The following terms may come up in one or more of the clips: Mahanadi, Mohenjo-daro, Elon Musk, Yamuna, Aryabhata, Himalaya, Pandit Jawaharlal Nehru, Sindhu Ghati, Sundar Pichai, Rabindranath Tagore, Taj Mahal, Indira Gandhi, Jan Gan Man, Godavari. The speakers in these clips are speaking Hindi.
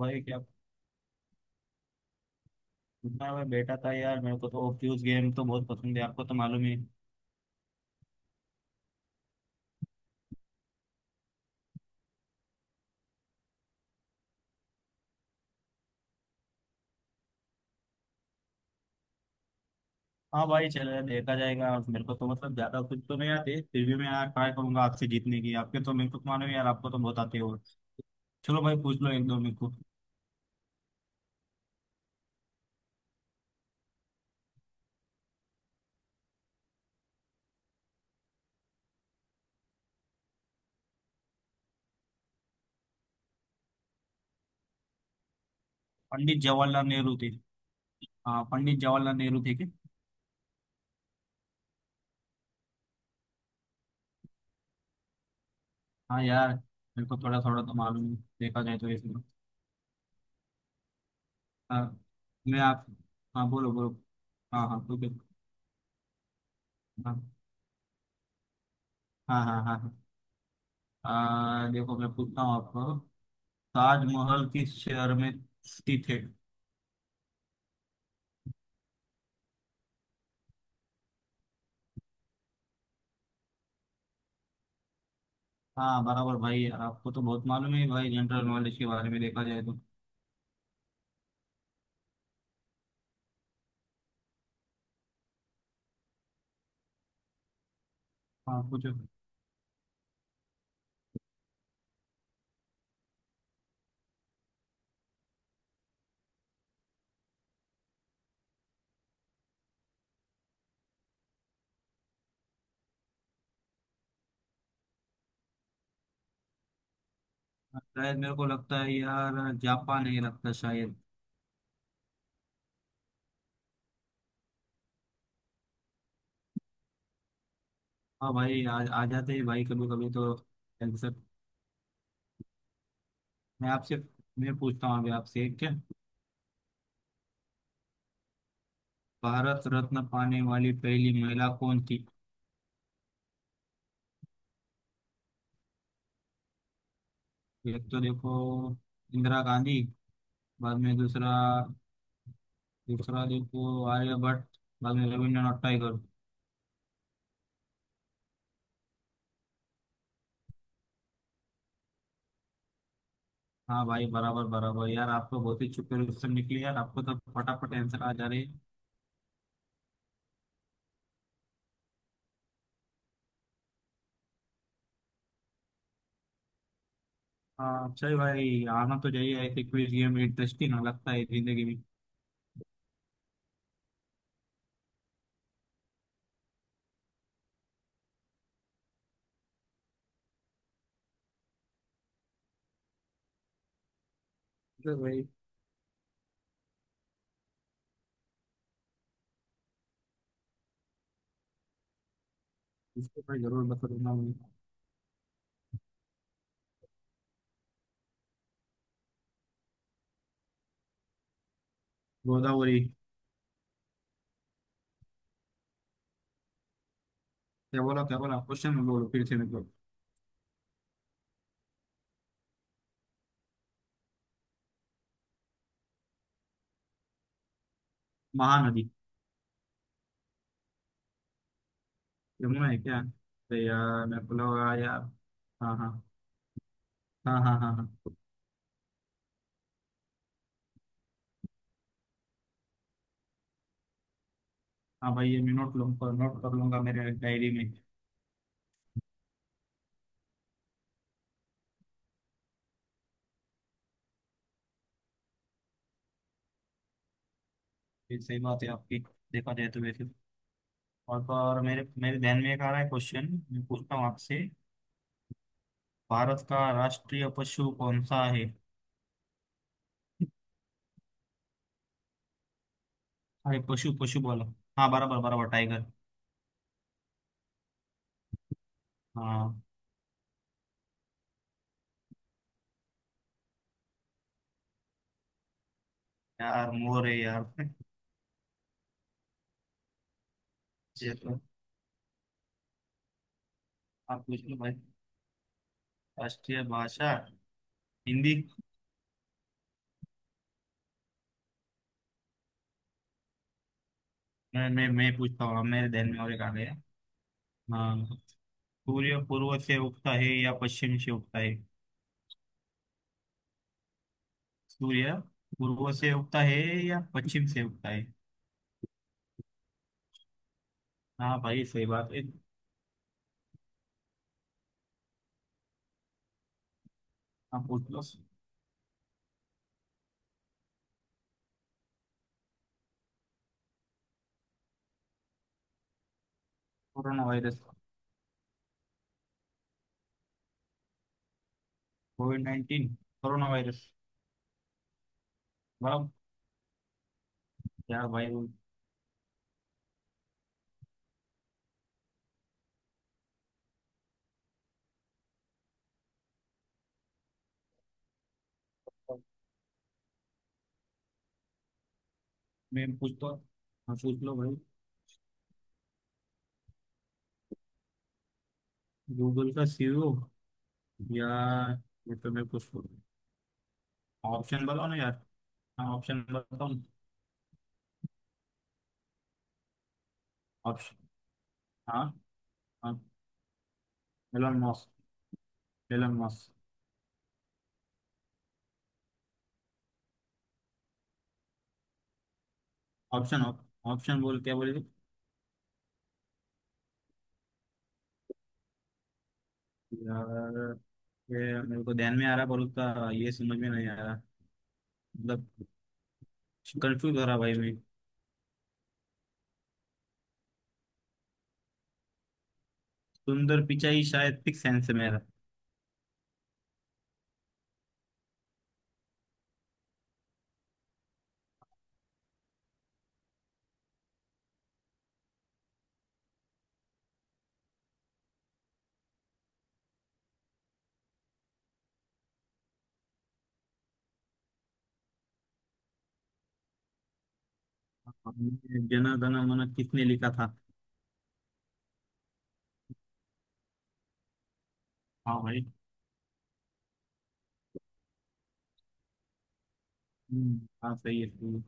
भाई क्या इतना मैं बैठा था यार। मेरे को तो फ्यूज गेम तो बहुत पसंद है, आपको तो मालूम है। हाँ भाई, चलो देखा जाएगा। मेरे को तो मतलब ज्यादा कुछ तो नहीं आते, फिर भी मैं यार ट्राई करूंगा आपसे जीतने की। आपके तो मेरे को तो मालूम है यार, आपको तो बहुत आते हो। चलो भाई, पूछ लो एक दो मेरे को। पंडित जवाहरलाल नेहरू थे। हाँ, पंडित जवाहरलाल नेहरू थे क्या। हाँ यार, मेरे को थोड़ा थोड़ा तो मालूम है, देखा जाए तो इसमें। हाँ। मैं आप हाँ बोलो बोलो। हाँ हाँ, ठीक है। हाँ हाँ हाँ हाँ। हाँ। देखो मैं पूछता हूँ आपको। ताजमहल किस शहर में स्थित है। हाँ बराबर भाई, यार आपको तो बहुत मालूम है भाई, जनरल नॉलेज के बारे में देखा जाए तो। हाँ पूछो। शायद मेरे को लगता है यार, जापान है लगता शायद। हाँ भाई, आ जाते हैं भाई कभी कभी तो आंसर। मैं आपसे मैं पूछता हूँ अभी आपसे एक क्या। भारत रत्न पाने वाली पहली महिला कौन थी। एक तो देखो, इंदिरा गांधी, बाद में दूसरा। दूसरा देखो आर्यभट्ट, बाद में रविन्द्रनाथ टैगोर। हाँ भाई बराबर बराबर यार, आपको बहुत ही अच्छे क्वेश्चन निकले यार, आपको तो फटाफट आंसर आ जा रहे हैं। हाँ चल भाई, आना तो चाहिए ऐसे क्विज गेम, इंटरेस्टिंग लगता है जिंदगी में। चल भाई। इसको भाई जरूर बताऊंगा मैं। गोदावरी। क्या बोला क्वेश्चन में, बोलो फिर से मेरे को। महानदी। यमुना है क्या, अरे यार मेरे को लगा यार। हाँ हाँ हाँ हाँ। हाँ हाँ। हाँ भाई, ये मैं नोट लूँ, नोट कर लूंगा मेरे डायरी में। ये सही बात है आपकी, देखा जाए तो वैसे तो। और तो और, मेरे मेरे ध्यान में एक आ रहा है क्वेश्चन, मैं पूछता हूँ आपसे। भारत का राष्ट्रीय पशु कौन सा है। अरे पशु पशु बोलो। हाँ बराबर बराबर, टाइगर। हाँ यार, मोर है यार। ये तो आप पूछ लो भाई। राष्ट्रीय भाषा हिंदी। मैं पूछता हूँ, अब मेरे ध्यान में और एक आ गया। हाँ। सूर्य पूर्व से उगता है या पश्चिम से उगता है। सूर्य पूर्व से उगता है या पश्चिम से उगता है। हाँ भाई, सही बात है। आप पूछ लो। Corona virus. Covid 19 corona virus. वाह। यार भाई वो- मैं पूछ तो। हाँ पूछ लो भाई। गूगल का सीईओ, यार ये तो मैं कुछ। ऑप्शन बताओ ना यार। हाँ, ऑप्शन बताओ ना। ऑप्शन। हाँ हाँ। Elon Musk. Elon Musk. Option, option बोल, क्या बोले। यार, ये मेरे को ध्यान में आ रहा पर उसका ये समझ में नहीं आ रहा, मतलब कंफ्यूज हो रहा भाई मैं। सुंदर पिचाई शायद, फिक्स आंसर मेरा। जन गण मन किसने लिखा था। हाँ भाई। हाँ सही है सही है।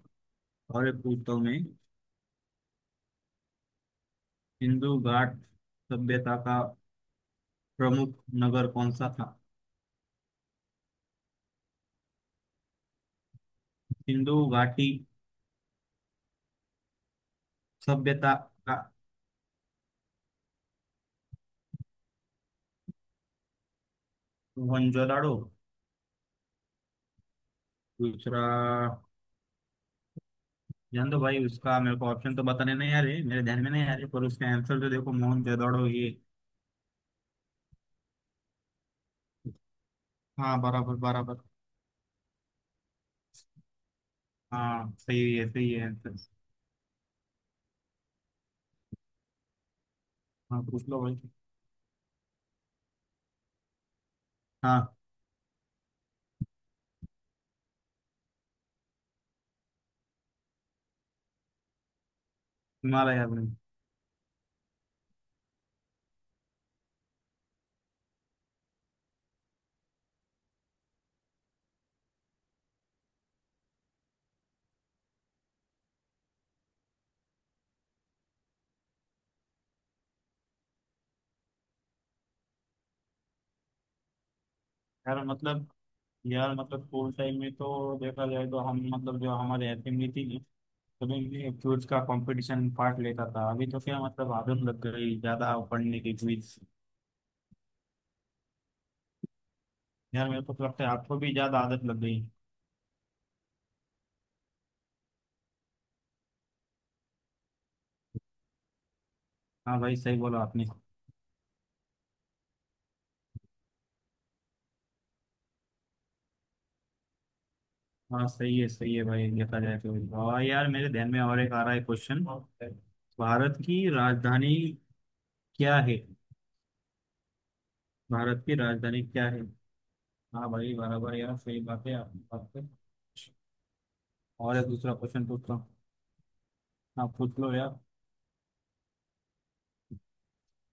और एक पूछता हूँ मैं। सिंधु घाट सभ्यता का प्रमुख नगर कौन सा था। सिंधु घाटी सभ्यता का। मोहनजोदाड़ो, दूसरा। जान दो भाई, उसका मेरे को ऑप्शन तो बताने नहीं आ रहे, मेरे ध्यान में नहीं आ रहे, पर उसका आंसर तो देखो मोहनजोदाड़ो ये। हाँ बराबर बराबर। हाँ सही है आंसर। हाँ पूछ लो भाई। हाँ। हिमालय आपने। यार मतलब। यार मतलब स्कूल टाइम में तो देखा जाए तो हम मतलब जो हमारे असेंबली थी, सभी में क्विज का कंपटीशन पार्ट लेता था। अभी तो क्या मतलब आदत लग गई ज्यादा पढ़ने की क्विज। यार मेरे को तो लगता है आपको भी ज्यादा आदत लग गई। हाँ भाई, सही बोला आपने। हाँ सही है भाई, देखा जाए तो। और यार, मेरे ध्यान में और एक आ रहा है क्वेश्चन। भारत की राजधानी क्या है। भारत की राजधानी क्या है। हाँ भाई बराबर, यार सही बात है आपकी बात पे। और एक दूसरा क्वेश्चन पूछता हूँ। आप पूछ लो यार।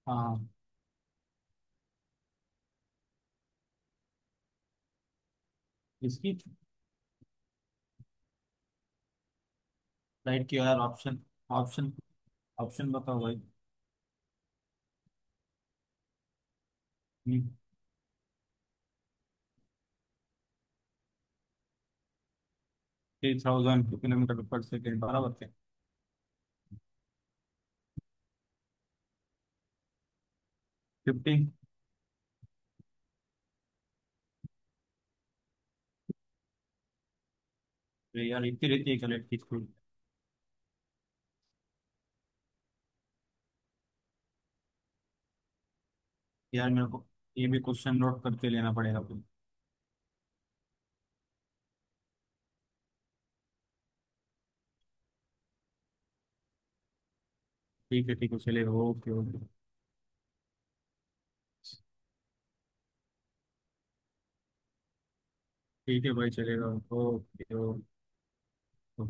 हाँ। इसकी। फ्लाइट की यार, ऑप्शन, ऑप्शन। ऑप्शन बताओ भाई। 3000 किलोमीटर पर सेकेंड बराबर थे। 50। यार इतनी रहती है फ्लाइट की स्पीड। यार मेरे को ये भी क्वेश्चन नोट करते लेना पड़ेगा फिर। ठीक है ठीक है, चलेगा, ओके ओके। ठीक है भाई चलेगा। Okay okay.